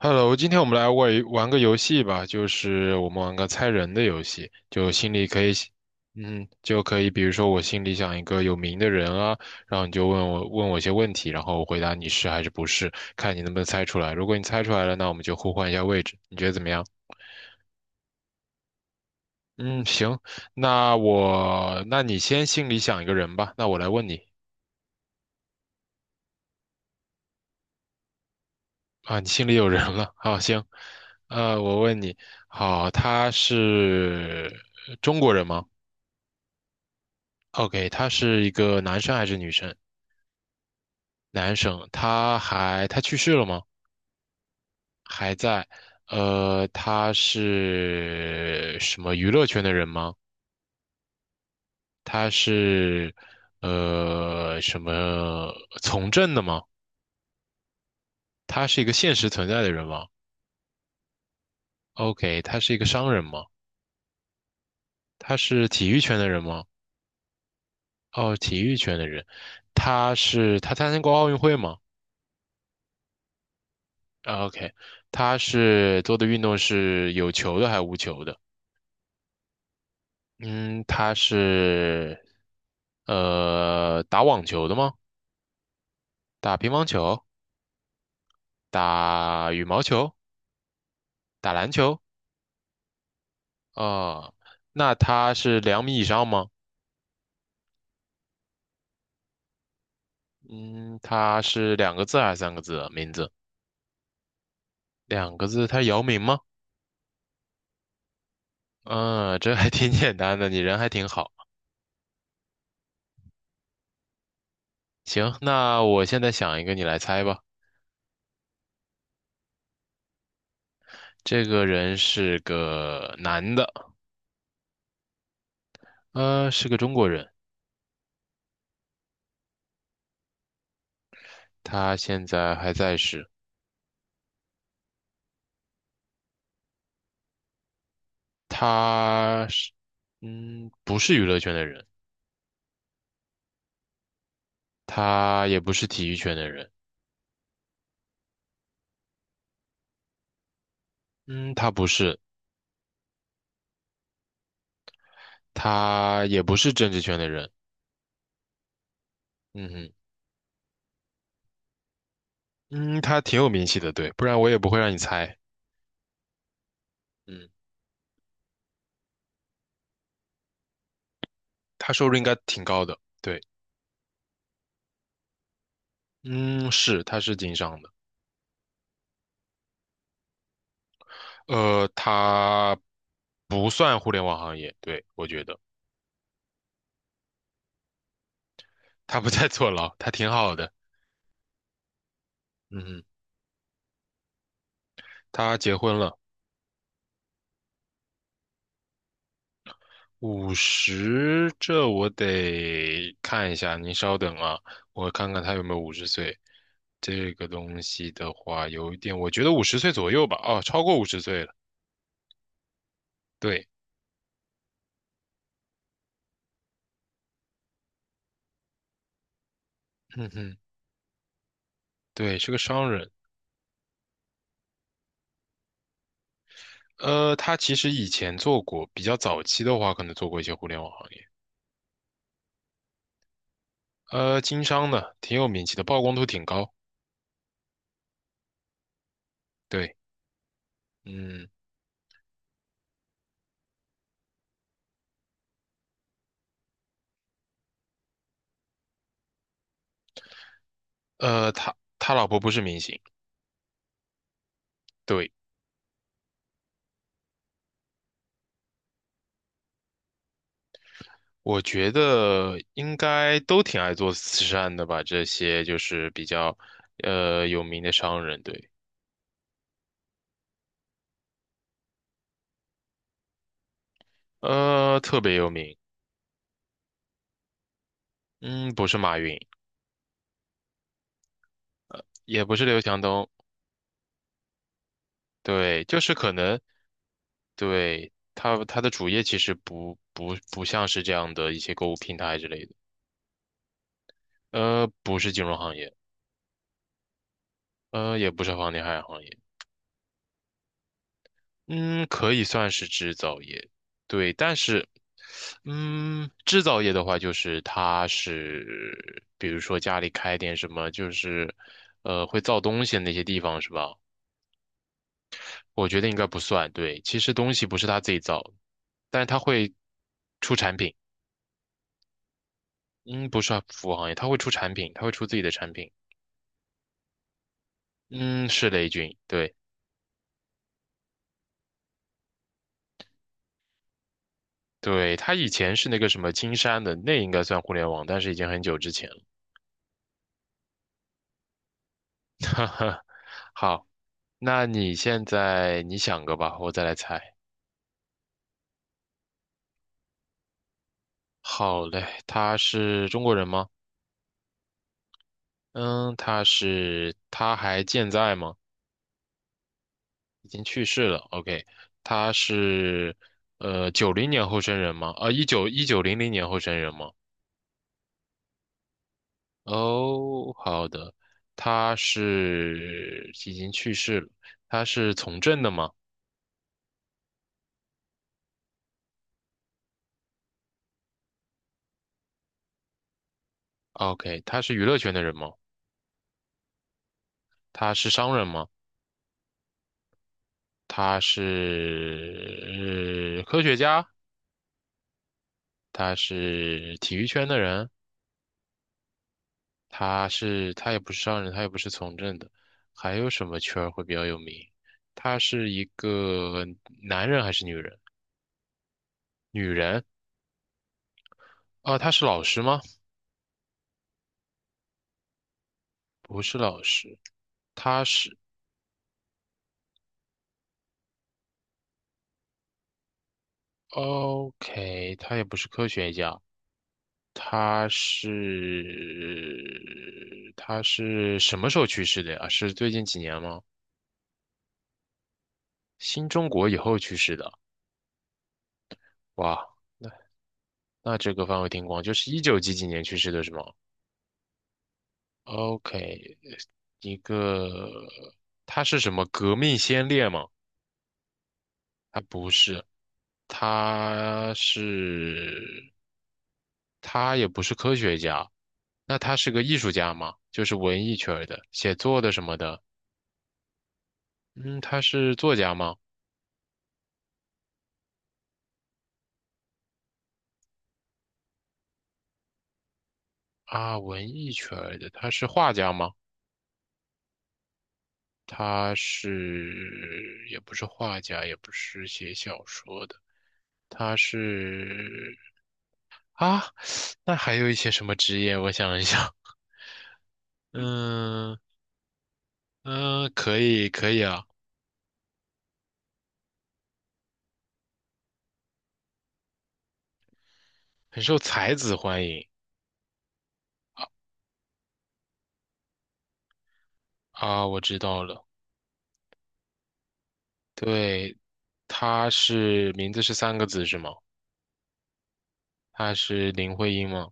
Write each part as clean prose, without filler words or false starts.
Hello，今天我们来玩玩个游戏吧，就是我们玩个猜人的游戏，就心里可以想就可以，比如说我心里想一个有名的人啊，然后你就问我一些问题，然后我回答你是还是不是，看你能不能猜出来。如果你猜出来了，那我们就互换一下位置，你觉得怎么样？嗯，行，那你先心里想一个人吧，那我来问你啊，你心里有人了，好，行，我问你，好，他是中国人吗？OK，他是一个男生还是女生？男生，他去世了吗？还在。他是什么娱乐圈的人吗？他是什么从政的吗？他是一个现实存在的人吗？OK，他是一个商人吗？他是体育圈的人吗？哦，体育圈的人。他参加过奥运会吗？ o k 他是做的运动是有球的还是无球的？嗯，他是打网球的吗？打乒乓球？打羽毛球？打篮球？啊、那他是2米以上吗？嗯，他是两个字还是三个字啊名字两个字，他是姚明吗？嗯，这还挺 简单的，你人还挺好。行，那我现在想一个，你来猜吧。这个人是个男的，呃，是个中国人，他现在还在世。他是，不是娱乐圈的人，他也不是体育圈的人，嗯，他不是，他也不是政治圈的人，嗯哼，嗯，他挺有名气的，对，不然我也不会让你猜，嗯，他收入应该挺高的，对，嗯，是，他是经商的，他不算互联网行业，对，我觉得他不在 坐牢，他挺好的，嗯哼，他结婚了。五十，这我得看一下，您稍等啊，我看看他有没有五十岁。这个东西的话，有一点，我觉得五十岁左右吧，哦，超过五十岁了。对，嗯哼，对，是个商人。他其实以前做过，比较早期的话，可能做过一些互联网行业，经商的，挺有名气的，曝光度挺高。对，嗯，他老婆不是明星，对。我觉得应该都挺爱做慈善的吧，这些就是比较有名的商人，对，特别有名，嗯，不是马云，也不是刘强东，对，就是可能对他的主业其实不像是这样的一些购物平台之类的，不是金融行业，也不是房地产行业，嗯，可以算是制造业，对，但是。制造业的话，就是它是，比如说家里开点什么，就是，会造东西的那些地方是吧？我觉得应该不算，对，其实东西不是他自己造的，但是他会出产品，嗯，不是服务行业，他会出产品，他会出自己的产品，嗯，是雷军，对对，他以前是那个什么金山的，那应该算互联网，但是已经很久之前了，哈哈，好，那你现在你想个吧，我再来猜。好嘞，他是中国人吗？嗯，他是，他还健在吗？已经去世了。OK，他是，90年后生人吗？啊，一九零零年后生人吗？哦，好的，他是已经去世了。他是从政的吗？OK，他是娱乐圈的人吗？他是商人吗？他是，科学家？他是体育圈的人？他也不是商人，他也不是从政的，还有什么圈儿会比较有名？他是一个男人还是女人？女人啊，他是老师吗？不是老师，他是 OK，他也不是科学家，他是他是什么时候去世的呀？是最近几年吗？新中国以后去世的，哇，那这个范围挺广，就是一九几几年去世的是吗？OK，一个，他是什么革命先烈吗？他不是，他是，他也不是科学家，那他是个艺术家吗？就是文艺圈儿的，写作的什么的。嗯，他是作家吗？啊，文艺圈儿的，他是画家吗？他是，也不是画家，也不是写小说的，他是啊，那还有一些什么职业？我想一想。嗯嗯，可以可以啊，很受才子欢迎啊，我知道了，对，他是名字是三个字是吗？他是林徽因吗？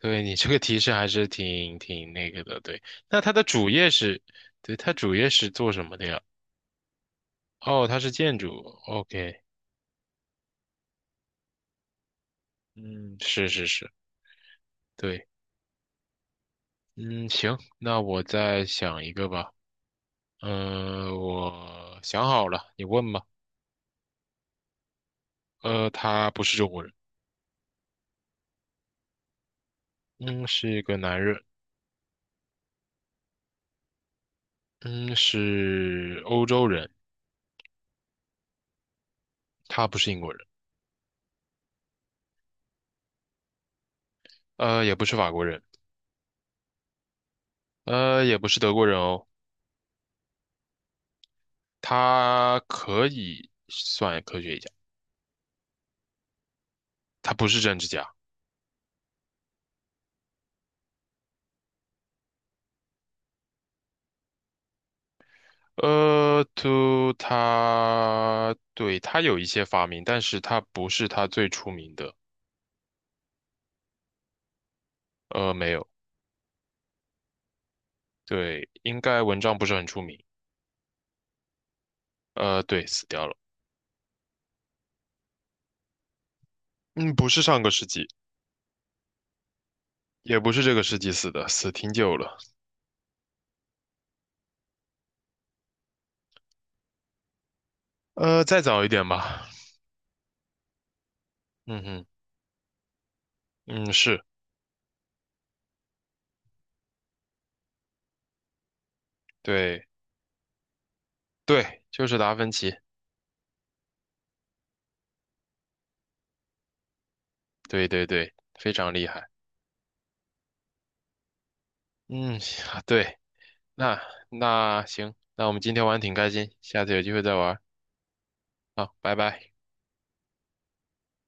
对你这个提示还是挺挺那个的，对。那他的主业是，对，他主业是做什么的呀？哦，他是建筑，OK，嗯，是是是，对，嗯，行，那我再想一个吧，我想好了，你问吧。他不是中国人。嗯，是一个男人，嗯，是欧洲人，他不是英国人，也不是法国人，也不是德国人哦，他可以算科学家，他不是政治家，就他，对，他有一些发明，但是他不是他最出名的，没有，对，应该文章不是很出名，对，死掉了，嗯，不是上个世纪，也不是这个世纪死的，死挺久了，再早一点吧，嗯哼，嗯，是。对对，就是达芬奇，对对对，非常厉害。嗯，行啊对，那那行，那我们今天玩得挺开心，下次有机会再玩好，拜拜。